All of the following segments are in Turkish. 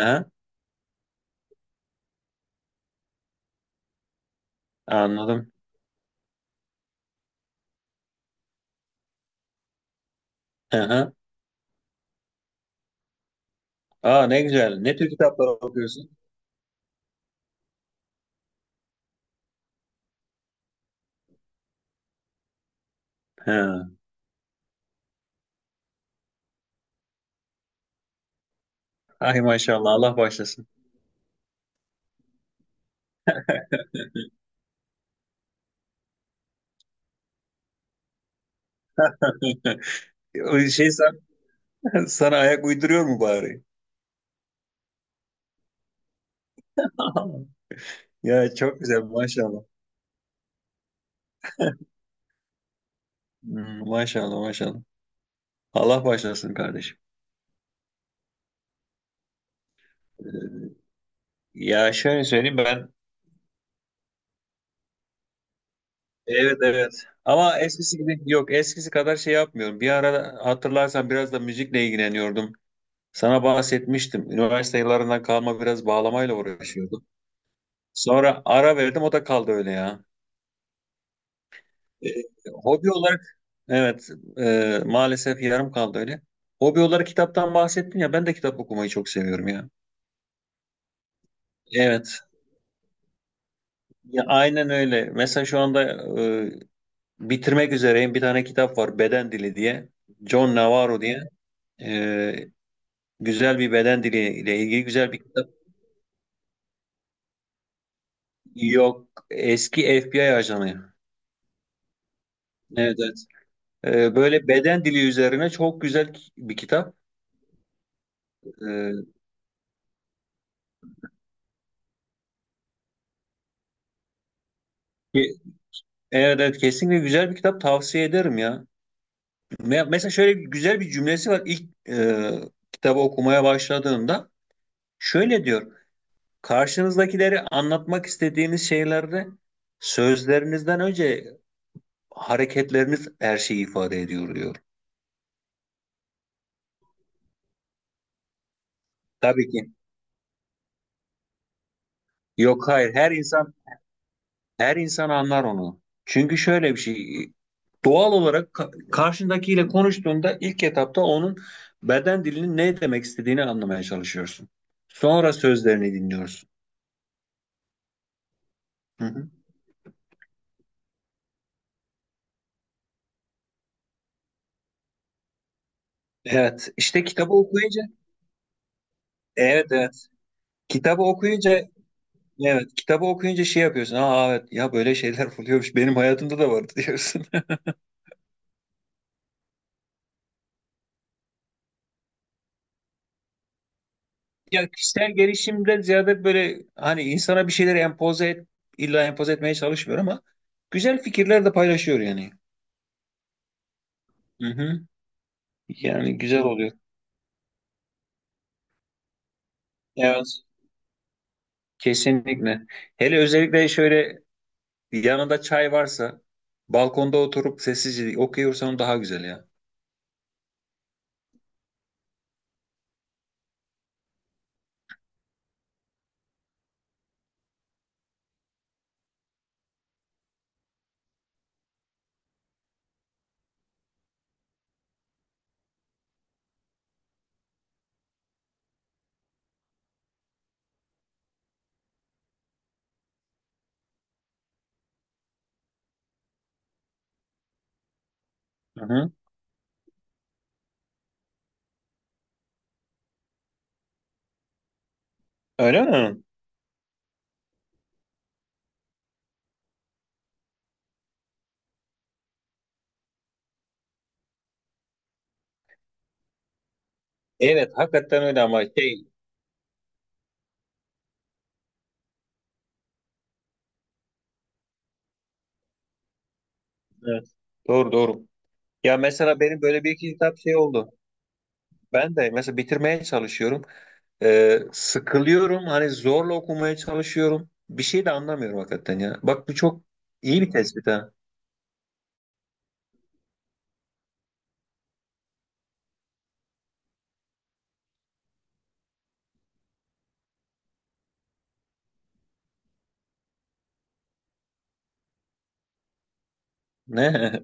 Aha, anladım. Aha. Aa, ne güzel. Ne tür kitaplar okuyorsun? Ha. Ay, maşallah, Allah başlasın. O şey, sen, sana ayak uyduruyor mu bari? Ya, çok güzel maşallah. Hmm, maşallah, maşallah. Allah başlasın kardeşim. Ya şöyle söyleyeyim ben, evet evet, ama eskisi gibi yok, eskisi kadar şey yapmıyorum. Bir ara hatırlarsan biraz da müzikle ilgileniyordum. Sana bahsetmiştim. Üniversite yıllarından kalma biraz bağlamayla uğraşıyordum. Sonra ara verdim, o da kaldı öyle ya. E, Hobi olarak, evet, maalesef yarım kaldı öyle. Hobi olarak kitaptan bahsettin ya, ben de kitap okumayı çok seviyorum ya. Evet. Ya, aynen öyle. Mesela şu anda e, bitirmek üzereyim. Bir tane kitap var, Beden Dili diye. John Navarro diye. E, Güzel bir beden dili ile ilgili güzel bir kitap. Yok. Eski FBI ajanı. Evet evet. Böyle beden dili üzerine çok güzel bir kitap. E, Evet, evet, kesinlikle güzel bir kitap, tavsiye ederim ya. Mesela şöyle bir güzel bir cümlesi var ilk, kitabı okumaya başladığımda. Şöyle diyor. Karşınızdakileri anlatmak istediğiniz şeylerde, sözlerinizden önce hareketleriniz her şeyi ifade ediyor diyor. Tabii ki. Yok, hayır. Her insan anlar onu. Çünkü şöyle bir şey, doğal olarak karşındakiyle konuştuğunda ilk etapta onun beden dilinin ne demek istediğini anlamaya çalışıyorsun. Sonra sözlerini dinliyorsun. Hı hı. Evet, işte kitabı okuyunca, evet evet, kitabı okuyunca, evet, kitabı okuyunca şey yapıyorsun. Aa, evet, ya böyle şeyler oluyormuş, benim hayatımda da vardı diyorsun. Ya, kişisel gelişimden ziyade böyle, hani insana bir şeyleri empoze et, illa empoze etmeye çalışmıyor ama güzel fikirler de paylaşıyor yani. Hı hı. Yani güzel oluyor. Evet. Kesinlikle. Hele özellikle şöyle, yanında çay varsa, balkonda oturup sessizce okuyorsan daha güzel ya. Hı hı. Öyle mi? Evet, hakikaten öyle ama şey, evet. Doğru, doğru. Ya mesela benim böyle bir iki kitap şey oldu. Ben de mesela bitirmeye çalışıyorum. Sıkılıyorum. Hani zorla okumaya çalışıyorum. Bir şey de anlamıyorum hakikaten ya. Bak, bu çok iyi bir tespit ha. Ne?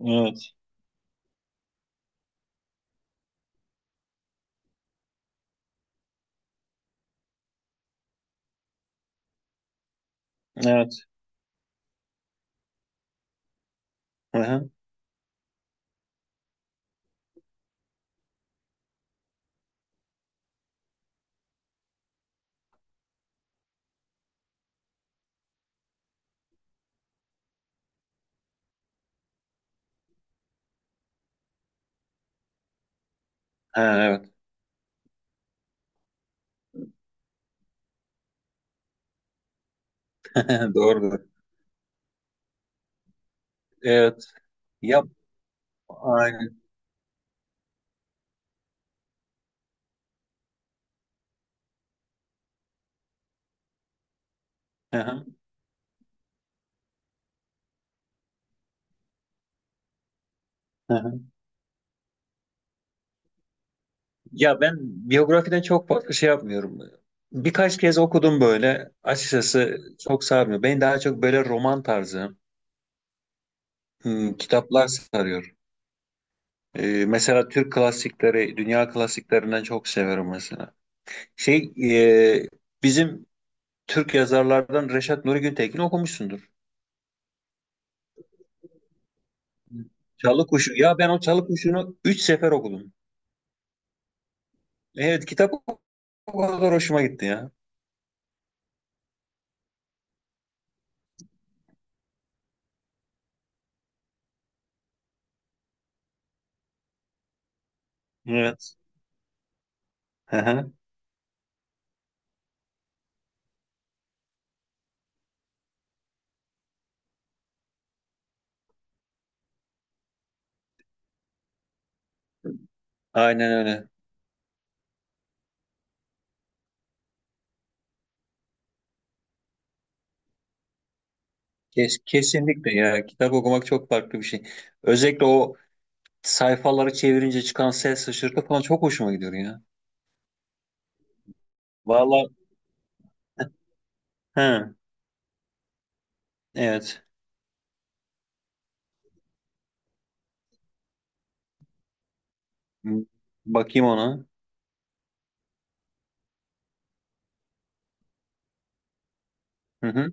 Evet. Evet. Hı hı. Ha, evet. Doğrudur. Evet. Ya, aynen. Hı hı, hı hı. Ya ben biyografiden çok farklı şey yapmıyorum. Birkaç kez okudum böyle. Açıkçası çok sarmıyor. Beni daha çok böyle roman tarzı hı, kitaplar sarıyor. Mesela Türk klasikleri, dünya klasiklerinden çok severim mesela. Şey, e, Bizim Türk yazarlardan Reşat Nuri Güntekin okumuşsundur. Çalı Kuşu. Ya ben o Çalı Kuşu'nu 3 sefer okudum. Evet, kitap o kadar hoşuma gitti ya. Evet. Hı hı. Aynen öyle. Kesinlikle ya. Kitap okumak çok farklı bir şey. Özellikle o sayfaları çevirince çıkan ses şaşırtı falan çok hoşuma gidiyor ya. Vallahi. Hı, evet. Hı, bakayım ona. Hı hı.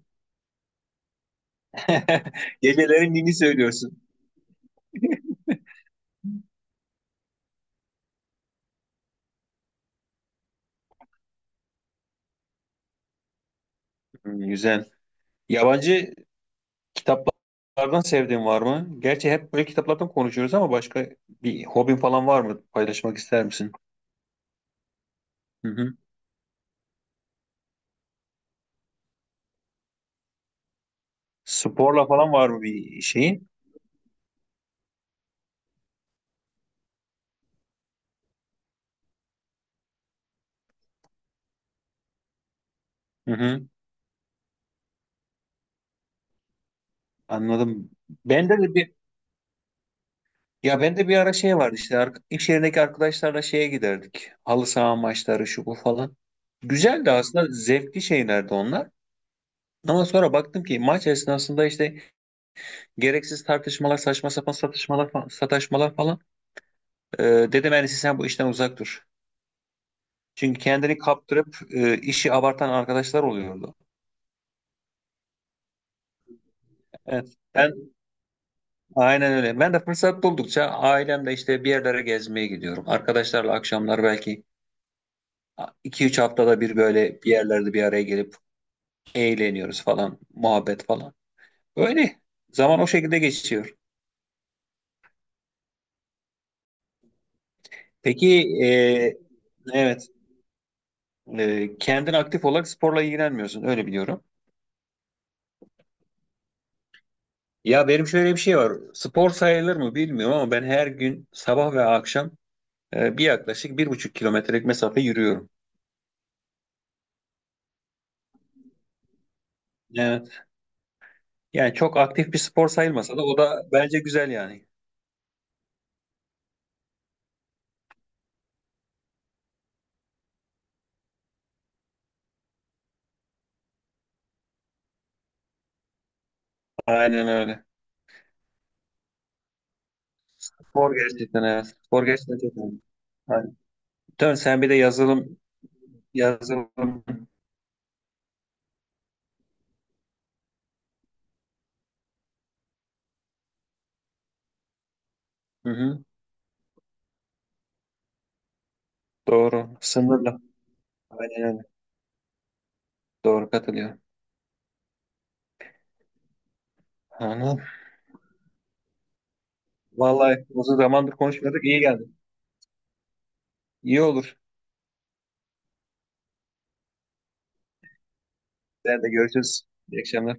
Gecelerin dini söylüyorsun. Hı, güzel. Yabancı kitaplardan sevdiğin var mı? Gerçi hep böyle kitaplardan konuşuyoruz ama başka bir hobin falan var mı? Paylaşmak ister misin? Hı hı. Sporla falan var mı bir şeyi? Hı hı. Anladım. Bende de Ya, bende bir ara şey vardı, işte iş yerindeki arkadaşlarla şeye giderdik. Halı saha maçları, şu bu falan. Güzeldi aslında, zevkli şeylerdi onlar. Ama sonra baktım ki maç esnasında işte gereksiz tartışmalar, saçma sapan satışmalar, sataşmalar falan. Ee, Dedim en iyisi sen bu işten uzak dur. Çünkü kendini kaptırıp işi abartan arkadaşlar oluyordu. Evet, ben aynen öyle. Ben de fırsat buldukça ailemle işte bir yerlere gezmeye gidiyorum. Arkadaşlarla akşamlar belki 2-3 haftada bir böyle bir yerlerde bir araya gelip eğleniyoruz falan, muhabbet falan. Öyle. Zaman o şekilde geçiyor. Peki e, evet e, kendin aktif olarak sporla ilgilenmiyorsun öyle biliyorum. Ya benim şöyle bir şey var. Spor sayılır mı bilmiyorum ama ben her gün sabah ve akşam, yaklaşık 1,5 kilometrelik mesafe yürüyorum. Evet. Yani çok aktif bir spor sayılmasa da o da bence güzel yani. Aynen öyle. Spor gerçekten, evet. Spor gerçekten çok önemli. Aynen. Dön sen bir de yazılım, yazılım. Hı hı. Doğru. Sınırlı. Aynen öyle. Doğru, katılıyorum. Anladım. Vallahi uzun zamandır konuşmadık. İyi geldi. İyi olur. Sen de görüşürüz. İyi akşamlar.